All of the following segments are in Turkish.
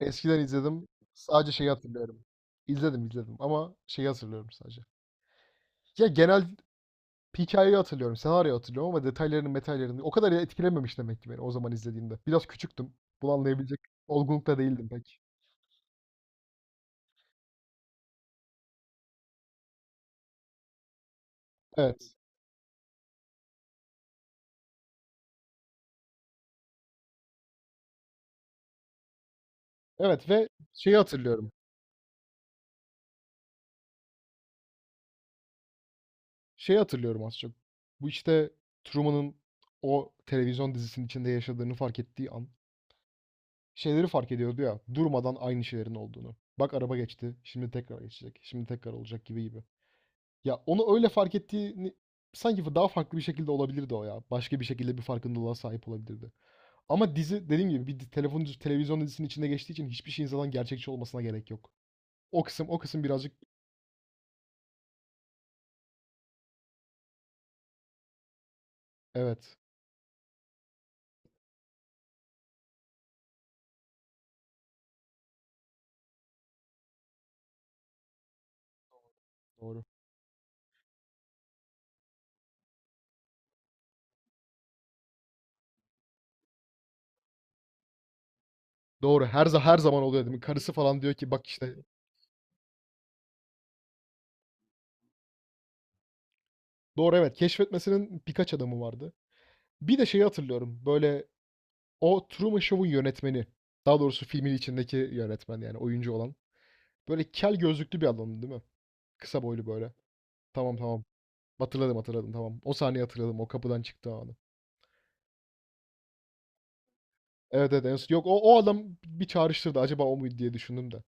Eskiden izledim. Sadece şeyi hatırlıyorum. İzledim izledim ama şeyi hatırlıyorum sadece. Ya genel hikayeyi hatırlıyorum, senaryoyu hatırlıyorum ama detaylarını, metallerini o kadar etkilememiş demek ki beni o zaman izlediğimde. Biraz küçüktüm. Bunu anlayabilecek olgunlukta değildim pek. Evet. Evet ve şeyi hatırlıyorum. Şeyi hatırlıyorum az çok. Bu işte Truman'ın o televizyon dizisinin içinde yaşadığını fark ettiği an şeyleri fark ediyordu ya, durmadan aynı şeylerin olduğunu. Bak araba geçti, şimdi tekrar geçecek, şimdi tekrar olacak gibi gibi. Ya onu öyle fark ettiğini, sanki daha farklı bir şekilde olabilirdi o ya. Başka bir şekilde bir farkındalığa sahip olabilirdi. Ama dizi dediğim gibi bir di- telefon televizyon dizisinin içinde geçtiği için hiçbir şeyin zaten gerçekçi olmasına gerek yok. O kısım birazcık evet doğru. Doğru. Her zaman oluyor, değil mi? Karısı falan diyor ki bak işte doğru, evet, keşfetmesinin birkaç adamı vardı. Bir de şeyi hatırlıyorum. Böyle o Truman Show'un yönetmeni. Daha doğrusu filmin içindeki yönetmen yani oyuncu olan. Böyle kel, gözlüklü bir adamdı değil mi? Kısa boylu böyle. Tamam, tamam. Hatırladım hatırladım, tamam. O sahneyi hatırladım. O kapıdan çıktı anı. Evet, evet. Yok, o adam bir çağrıştırdı. Acaba o muydu diye düşündüm de.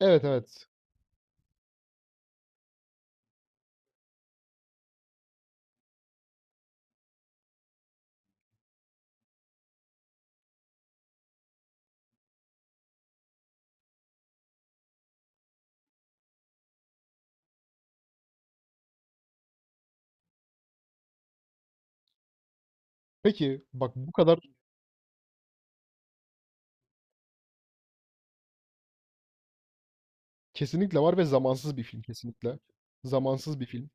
Evet, evet. Peki bak, bu kadar kesinlikle var ve zamansız bir film, kesinlikle. Zamansız bir film.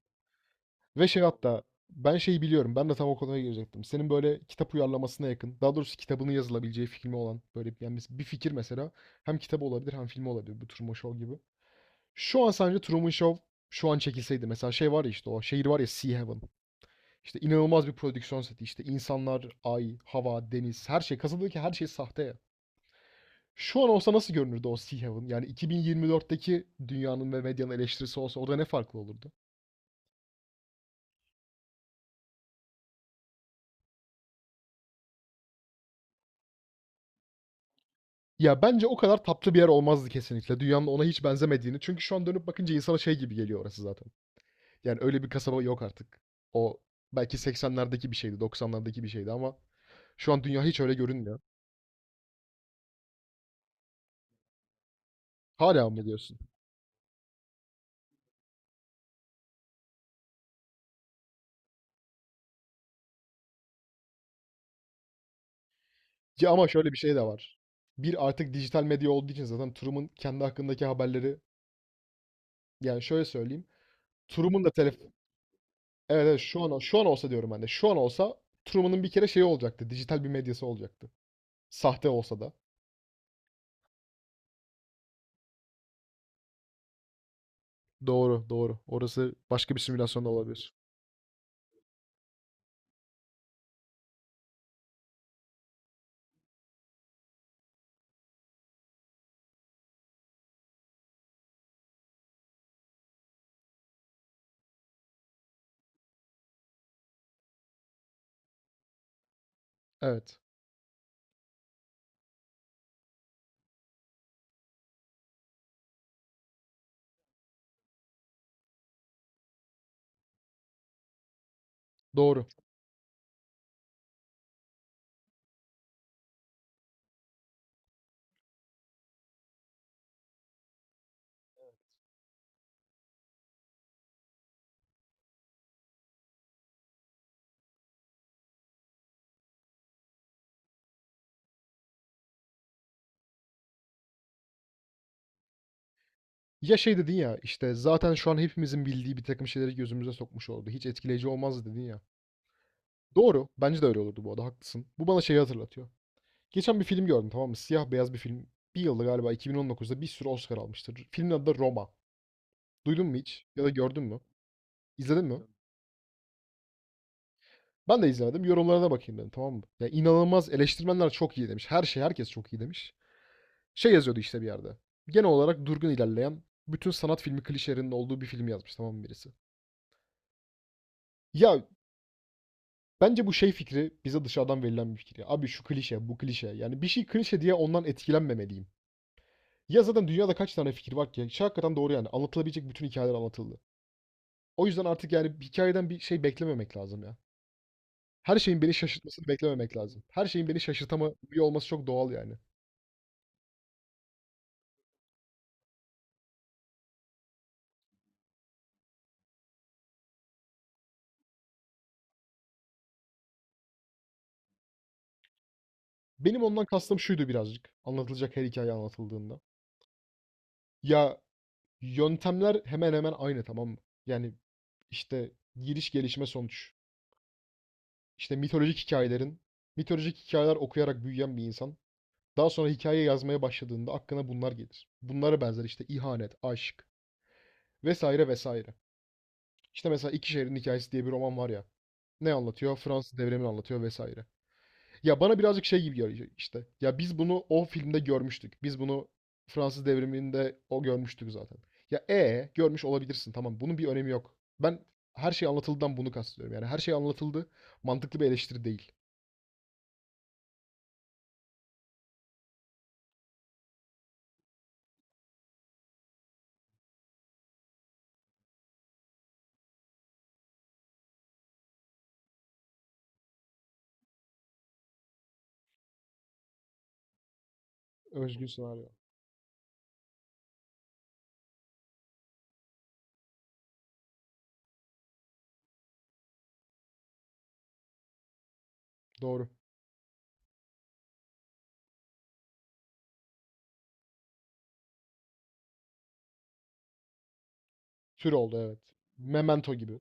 Ve şey hatta, ben şeyi biliyorum. Ben de tam o konuya girecektim. Senin böyle kitap uyarlamasına yakın. Daha doğrusu kitabının yazılabileceği filmi olan, böyle yani mes- bir fikir mesela, hem kitabı olabilir hem filmi olabilir. Bu Truman Show gibi. Şu an sence Truman Show şu an çekilseydi mesela, şey var ya işte, o şehir var ya, Sea Haven. İşte inanılmaz bir prodüksiyon seti. İşte insanlar, ay, hava, deniz, her şey. Kasabadaki her şey sahte ya. Şu an olsa nasıl görünürdü o Sea Heaven? Yani 2024'teki dünyanın ve medyanın eleştirisi olsa, orada ne farklı olurdu? Ya bence o kadar tatlı bir yer olmazdı kesinlikle. Dünyanın ona hiç benzemediğini. Çünkü şu an dönüp bakınca insana şey gibi geliyor orası zaten. Yani öyle bir kasaba yok artık. O belki 80'lerdeki bir şeydi, 90'lardaki bir şeydi ama şu an dünya hiç öyle görünmüyor. Hala mı diyorsun? Ya ama şöyle bir şey de var. Bir, artık dijital medya olduğu için zaten Turum'un kendi hakkındaki haberleri, yani şöyle söyleyeyim. Turum'un da evet evet, şu an olsa diyorum ben de. Şu an olsa Turum'un bir kere şeyi olacaktı. Dijital bir medyası olacaktı. Sahte olsa da. Doğru, doğru. Orası başka bir simülasyon da olabilir. Evet. Doğru. Ya şey dedin ya, işte, zaten şu an hepimizin bildiği bir takım şeyleri gözümüze sokmuş oldu. Hiç etkileyici olmazdı dedin ya. Doğru. Bence de öyle olurdu bu arada. Haklısın. Bu bana şeyi hatırlatıyor. Geçen bir film gördüm, tamam mı? Siyah beyaz bir film. Bir yılda galiba 2019'da bir sürü Oscar almıştır. Filmin adı da Roma. Duydun mu hiç? Ya da gördün mü? İzledin mi? Ben de izlemedim. Yorumlarına bakayım dedim, tamam mı? Ya inanılmaz, eleştirmenler çok iyi demiş. Her şey, herkes çok iyi demiş. Şey yazıyordu işte bir yerde. Genel olarak durgun ilerleyen, bütün sanat filmi klişelerinin olduğu bir film yazmış, tamam mı, birisi? Ya, bence bu şey fikri bize dışarıdan verilen bir fikir ya. Abi şu klişe, bu klişe. Yani bir şey klişe diye ondan etkilenmemeliyim. Ya zaten dünyada kaç tane fikir var ki? Şey hakikaten doğru yani. Anlatılabilecek bütün hikayeler anlatıldı. O yüzden artık yani hikayeden bir şey beklememek lazım ya. Her şeyin beni şaşırtmasını beklememek lazım. Her şeyin beni şaşırtamıyor olması çok doğal yani. Benim ondan kastım şuydu birazcık. Anlatılacak her hikaye anlatıldığında. Ya, yöntemler hemen hemen aynı, tamam mı? Yani işte giriş, gelişme, sonuç. İşte mitolojik hikayelerin, mitolojik hikayeler okuyarak büyüyen bir insan. Daha sonra hikaye yazmaya başladığında aklına bunlar gelir. Bunlara benzer işte, ihanet, aşk vesaire vesaire. İşte mesela İki Şehrin Hikayesi diye bir roman var ya. Ne anlatıyor? Fransız devrimini anlatıyor vesaire. Ya bana birazcık şey gibi geliyor işte. Ya biz bunu o filmde görmüştük. Biz bunu Fransız devriminde o görmüştük zaten. Ya e görmüş olabilirsin, tamam. Bunun bir önemi yok. Ben her şey anlatıldıdan bunu kastediyorum. Yani her şey anlatıldı. Mantıklı bir eleştiri değil. Özgün senaryo. Doğru. Tür oldu, evet. Memento gibi.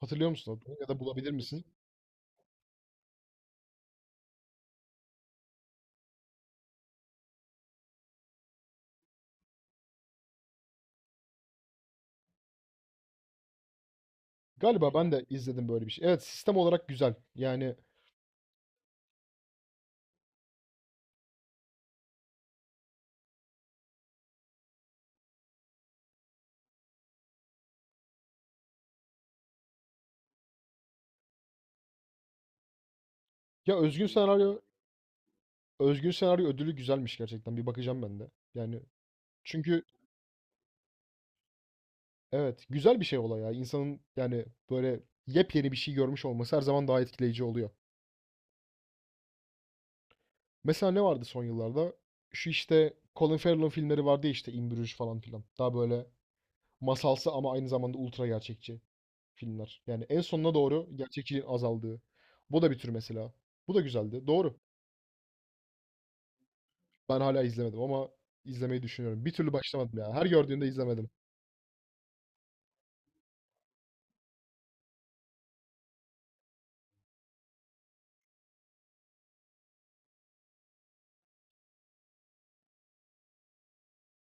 Hatırlıyor musun onu? Ya da bulabilir misin? Galiba ben de izledim böyle bir şey. Evet, sistem olarak güzel. Yani ya özgün senaryo, özgün senaryo ödülü güzelmiş gerçekten. Bir bakacağım ben de. Yani çünkü evet, güzel bir şey olay ya. İnsanın yani böyle yepyeni bir şey görmüş olması her zaman daha etkileyici oluyor. Mesela ne vardı son yıllarda? Şu işte Colin Farrell'ın filmleri vardı ya, işte In Bruges falan filan. Daha böyle masalsı ama aynı zamanda ultra gerçekçi filmler. Yani en sonuna doğru gerçekçiliğin azaldığı. Bu da bir tür mesela. Bu da güzeldi. Doğru. Ben hala izlemedim ama izlemeyi düşünüyorum. Bir türlü başlamadım ya. Her gördüğümde izlemedim.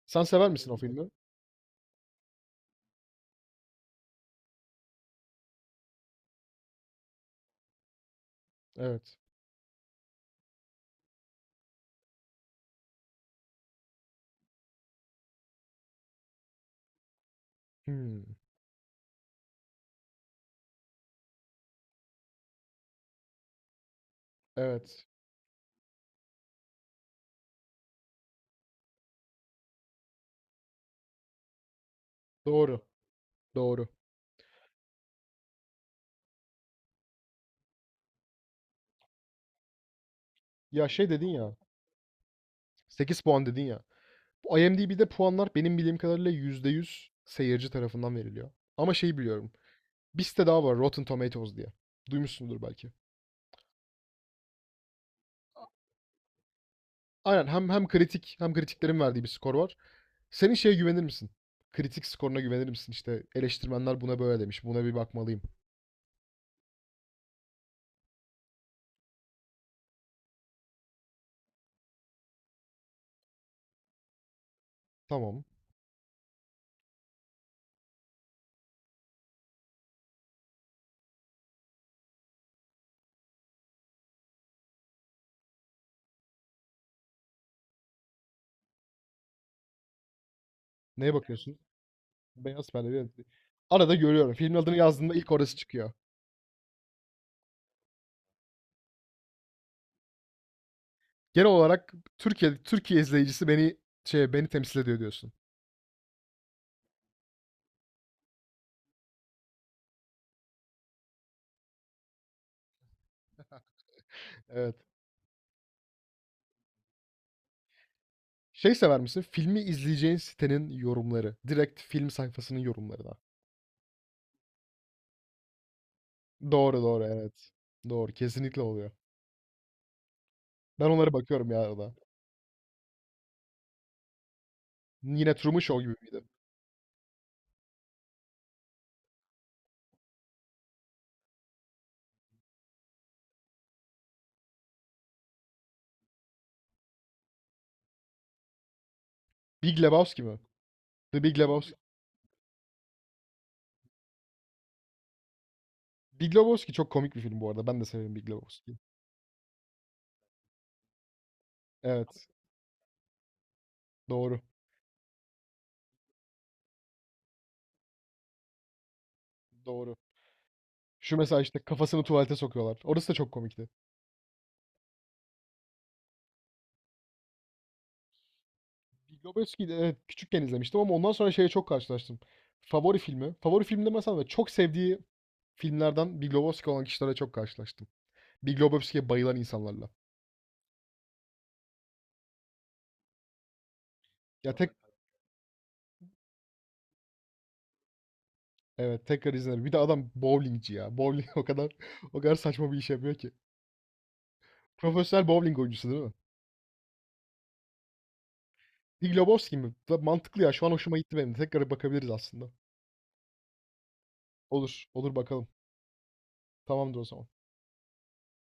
Sen sever misin o filmi? Evet. Hmm. Evet. Doğru. Doğru. Ya şey dedin ya, 8 puan dedin ya. Bu IMDb'de puanlar benim bildiğim kadarıyla %100 seyirci tarafından veriliyor. Ama şeyi biliyorum. Bir site daha var, Rotten Tomatoes diye. Duymuşsundur belki. Aynen, hem kritik hem kritiklerin verdiği bir skor var. Senin şeye güvenir misin? Kritik skoruna güvenir misin? İşte eleştirmenler buna böyle demiş. Buna bir bakmalıyım. Tamam. Neye bakıyorsun? Beyaz perde. Perde. Arada görüyorum. Filmin adını yazdığında ilk orası çıkıyor. Genel olarak Türkiye izleyicisi beni şey, beni temsil ediyor diyorsun. Evet. Şey sever misin? Filmi izleyeceğin sitenin yorumları. Direkt film sayfasının yorumları da. Doğru, doğru, evet. Doğru, kesinlikle oluyor. Ben onlara bakıyorum ya arada. Yine Truman Show gibi miydi? Big Lebowski mi? The Big Lebowski. Big Lebowski çok komik bir film bu arada. Ben de severim Big Lebowski'yi. Evet. Doğru. Doğru. Şu mesela işte kafasını tuvalete sokuyorlar. Orası da çok komikti. Big Lebowski'yi de evet, küçükken izlemiştim ama ondan sonra şeye çok karşılaştım. Favori filmi. Favori film demesem de çok sevdiği filmlerden Big Lebowski olan kişilere çok karşılaştım. Big Lebowski'ye bayılan insanlarla. Ya tek, evet tekrar izlerim. Bir de adam bowlingci ya. Bowling o kadar, o kadar saçma bir iş yapıyor ki. Profesyonel bowling oyuncusu değil mi? Big Lebowski mi? Da mantıklı ya. Şu an hoşuma gitti benim de. Tekrar bakabiliriz aslında. Olur. Olur bakalım. Tamamdır o zaman.